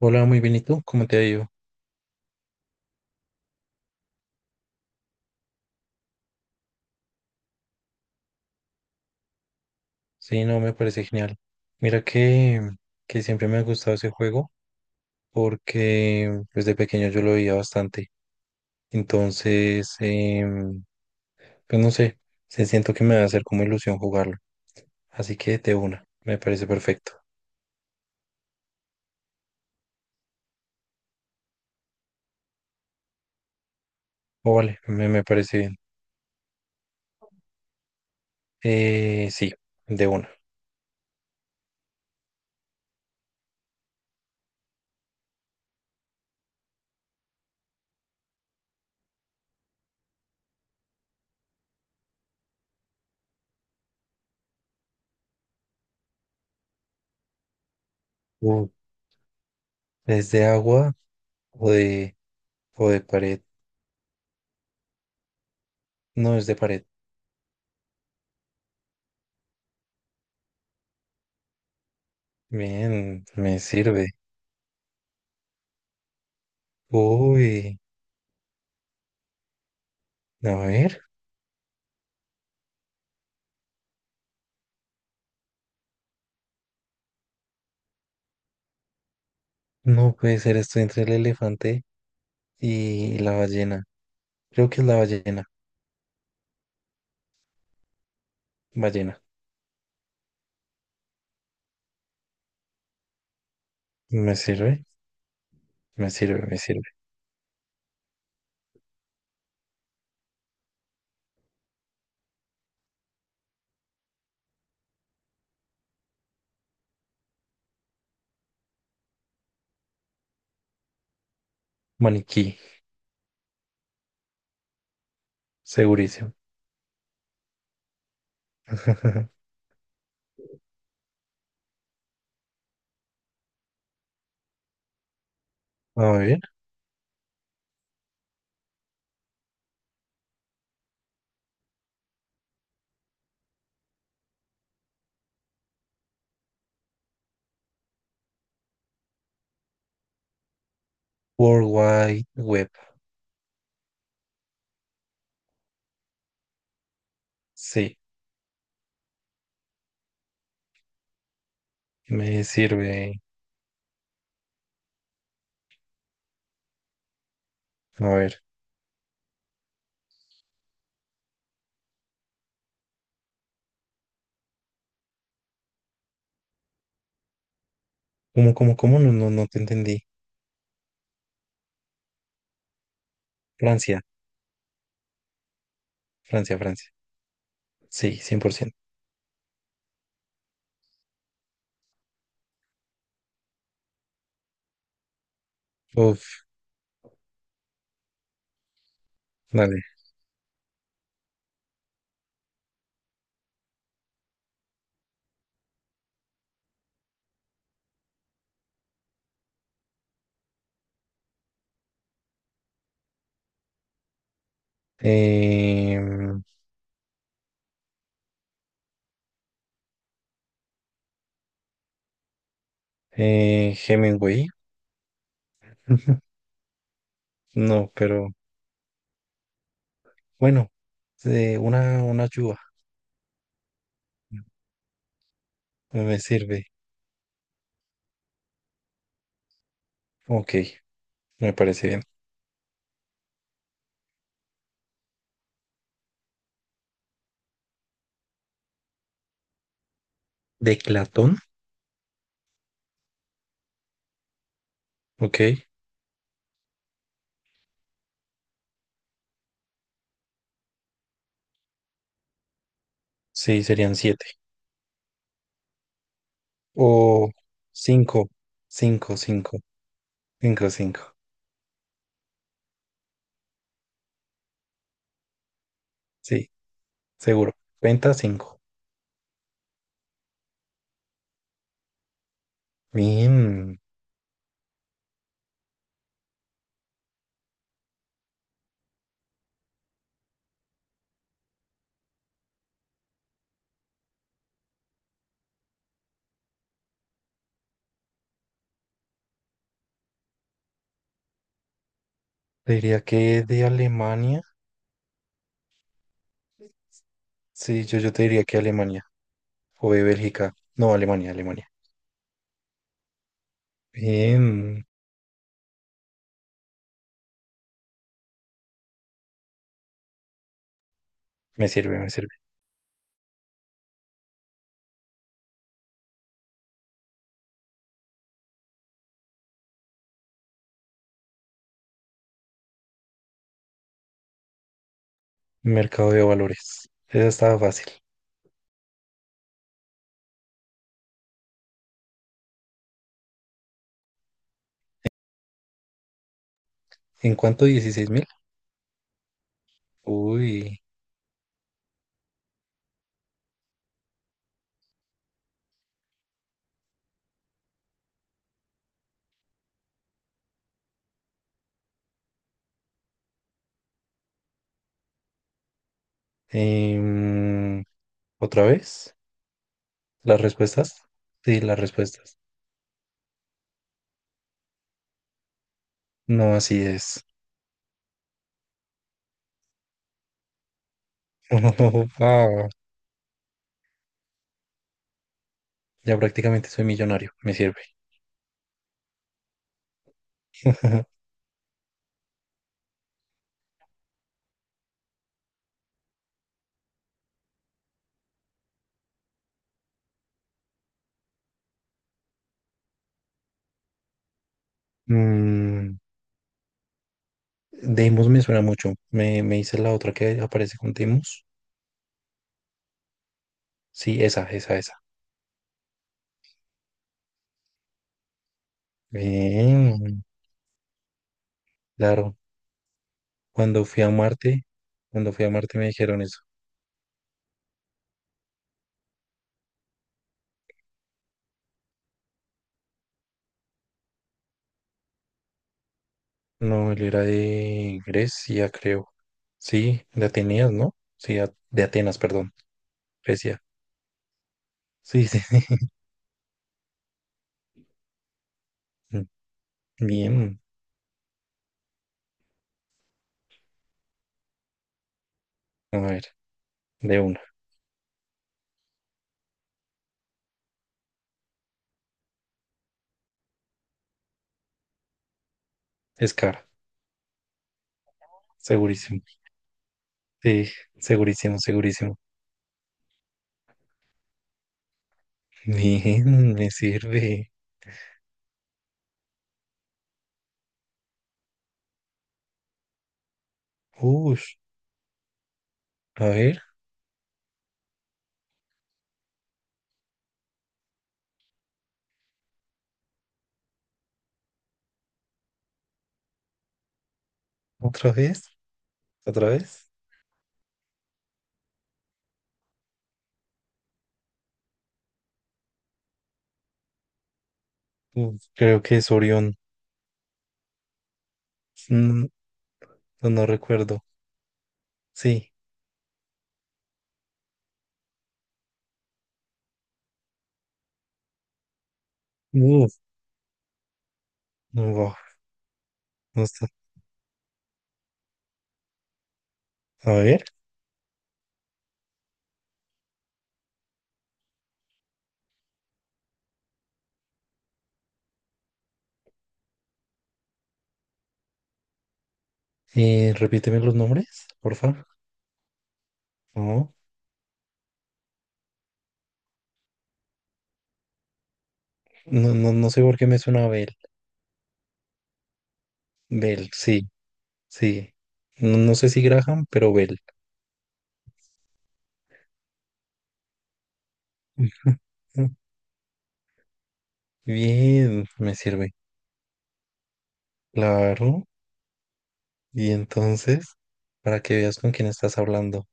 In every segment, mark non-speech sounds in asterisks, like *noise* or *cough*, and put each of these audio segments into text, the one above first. Hola, muy bien, ¿y tú? ¿Cómo te ha ido? Sí, no, me parece genial. Mira que siempre me ha gustado ese juego porque desde pequeño yo lo veía bastante. Entonces, pues no sé, se siento que me va a hacer como ilusión jugarlo. Así que de una, me parece perfecto. O vale, me parece bien. Sí, de una. Uh, ¿Es de agua o de, o de pared? No, es de pared. Bien, me sirve. Uy, a ver. No puede ser, estoy entre el elefante y la ballena. Creo que es la ballena. Ballena. ¿Me sirve? Me sirve, me sirve. Maniquí, segurísimo. *laughs* A ver. World Wide Web. Sí, me sirve. A ver. ¿Cómo, cómo, cómo? No, no, no te entendí. Francia, Francia, Francia. Sí, 100%. Uf, dale. Em, Hemingway. *laughs* No, pero bueno, una ayuda me sirve. Ok, me parece bien. De Platón, ok, sí, serían siete. O cinco, cinco, cinco, cinco, cinco. Sí, seguro. Penta cinco. Bien. Te diría que de Alemania. Sí, yo te diría que Alemania. O de Bélgica. No, Alemania, Alemania. Bien. Me sirve, me sirve. Mercado de valores. Esa estaba fácil. ¿En cuánto? 16.000. Uy. Em, ¿Otra vez? ¿Las respuestas? Sí, las respuestas. No, así es. *laughs* Wow, ya prácticamente soy millonario, me sirve. *laughs* Mm, Deimos me suena mucho. Me hice la otra que aparece con Deimos. Sí, esa, esa, esa. Bien, claro. Cuando fui a Marte, cuando fui a Marte me dijeron eso. No, él era de Grecia, creo. Sí, de Atenas, ¿no? Sí, de Atenas, perdón. Grecia. Sí, sí. *laughs* sí. Bien. A ver, de una. Es cara, segurísimo. Sí, segurísimo, segurísimo. Bien, me sirve. Ush, a ver, otra vez, otra vez. Uf, creo que es Orión. Mm, No, no recuerdo. Sí. Uf, wow, no está. A ver, repíteme los nombres, porfa. No, no, no, no sé por qué me suena a Bell. Bell, sí, sí. No, no sé si Graham, pero Bell. *laughs* Bien, me sirve. Claro. Y entonces, para que veas con quién estás hablando.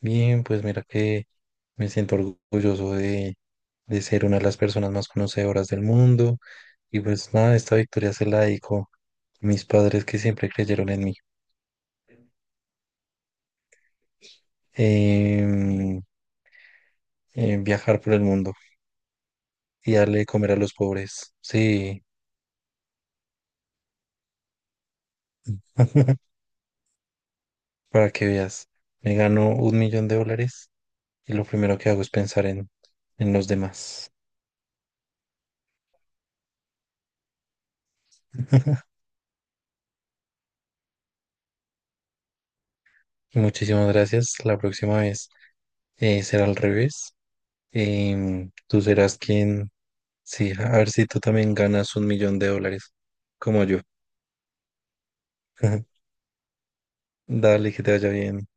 Bien, pues mira que me siento orgulloso de ser una de las personas más conocedoras del mundo. Y pues nada, esta victoria se la dedico a mis padres que siempre creyeron en mí. Em, viajar por el mundo y darle de comer a los pobres. Sí, *laughs* para que veas. Me gano 1.000.000 de dólares y lo primero que hago es pensar en los demás. *laughs* Muchísimas gracias. La próxima vez será al revés. Tú serás quien sí, a ver si tú también ganas 1.000.000 de dólares, como yo. *laughs* Dale, que te vaya bien.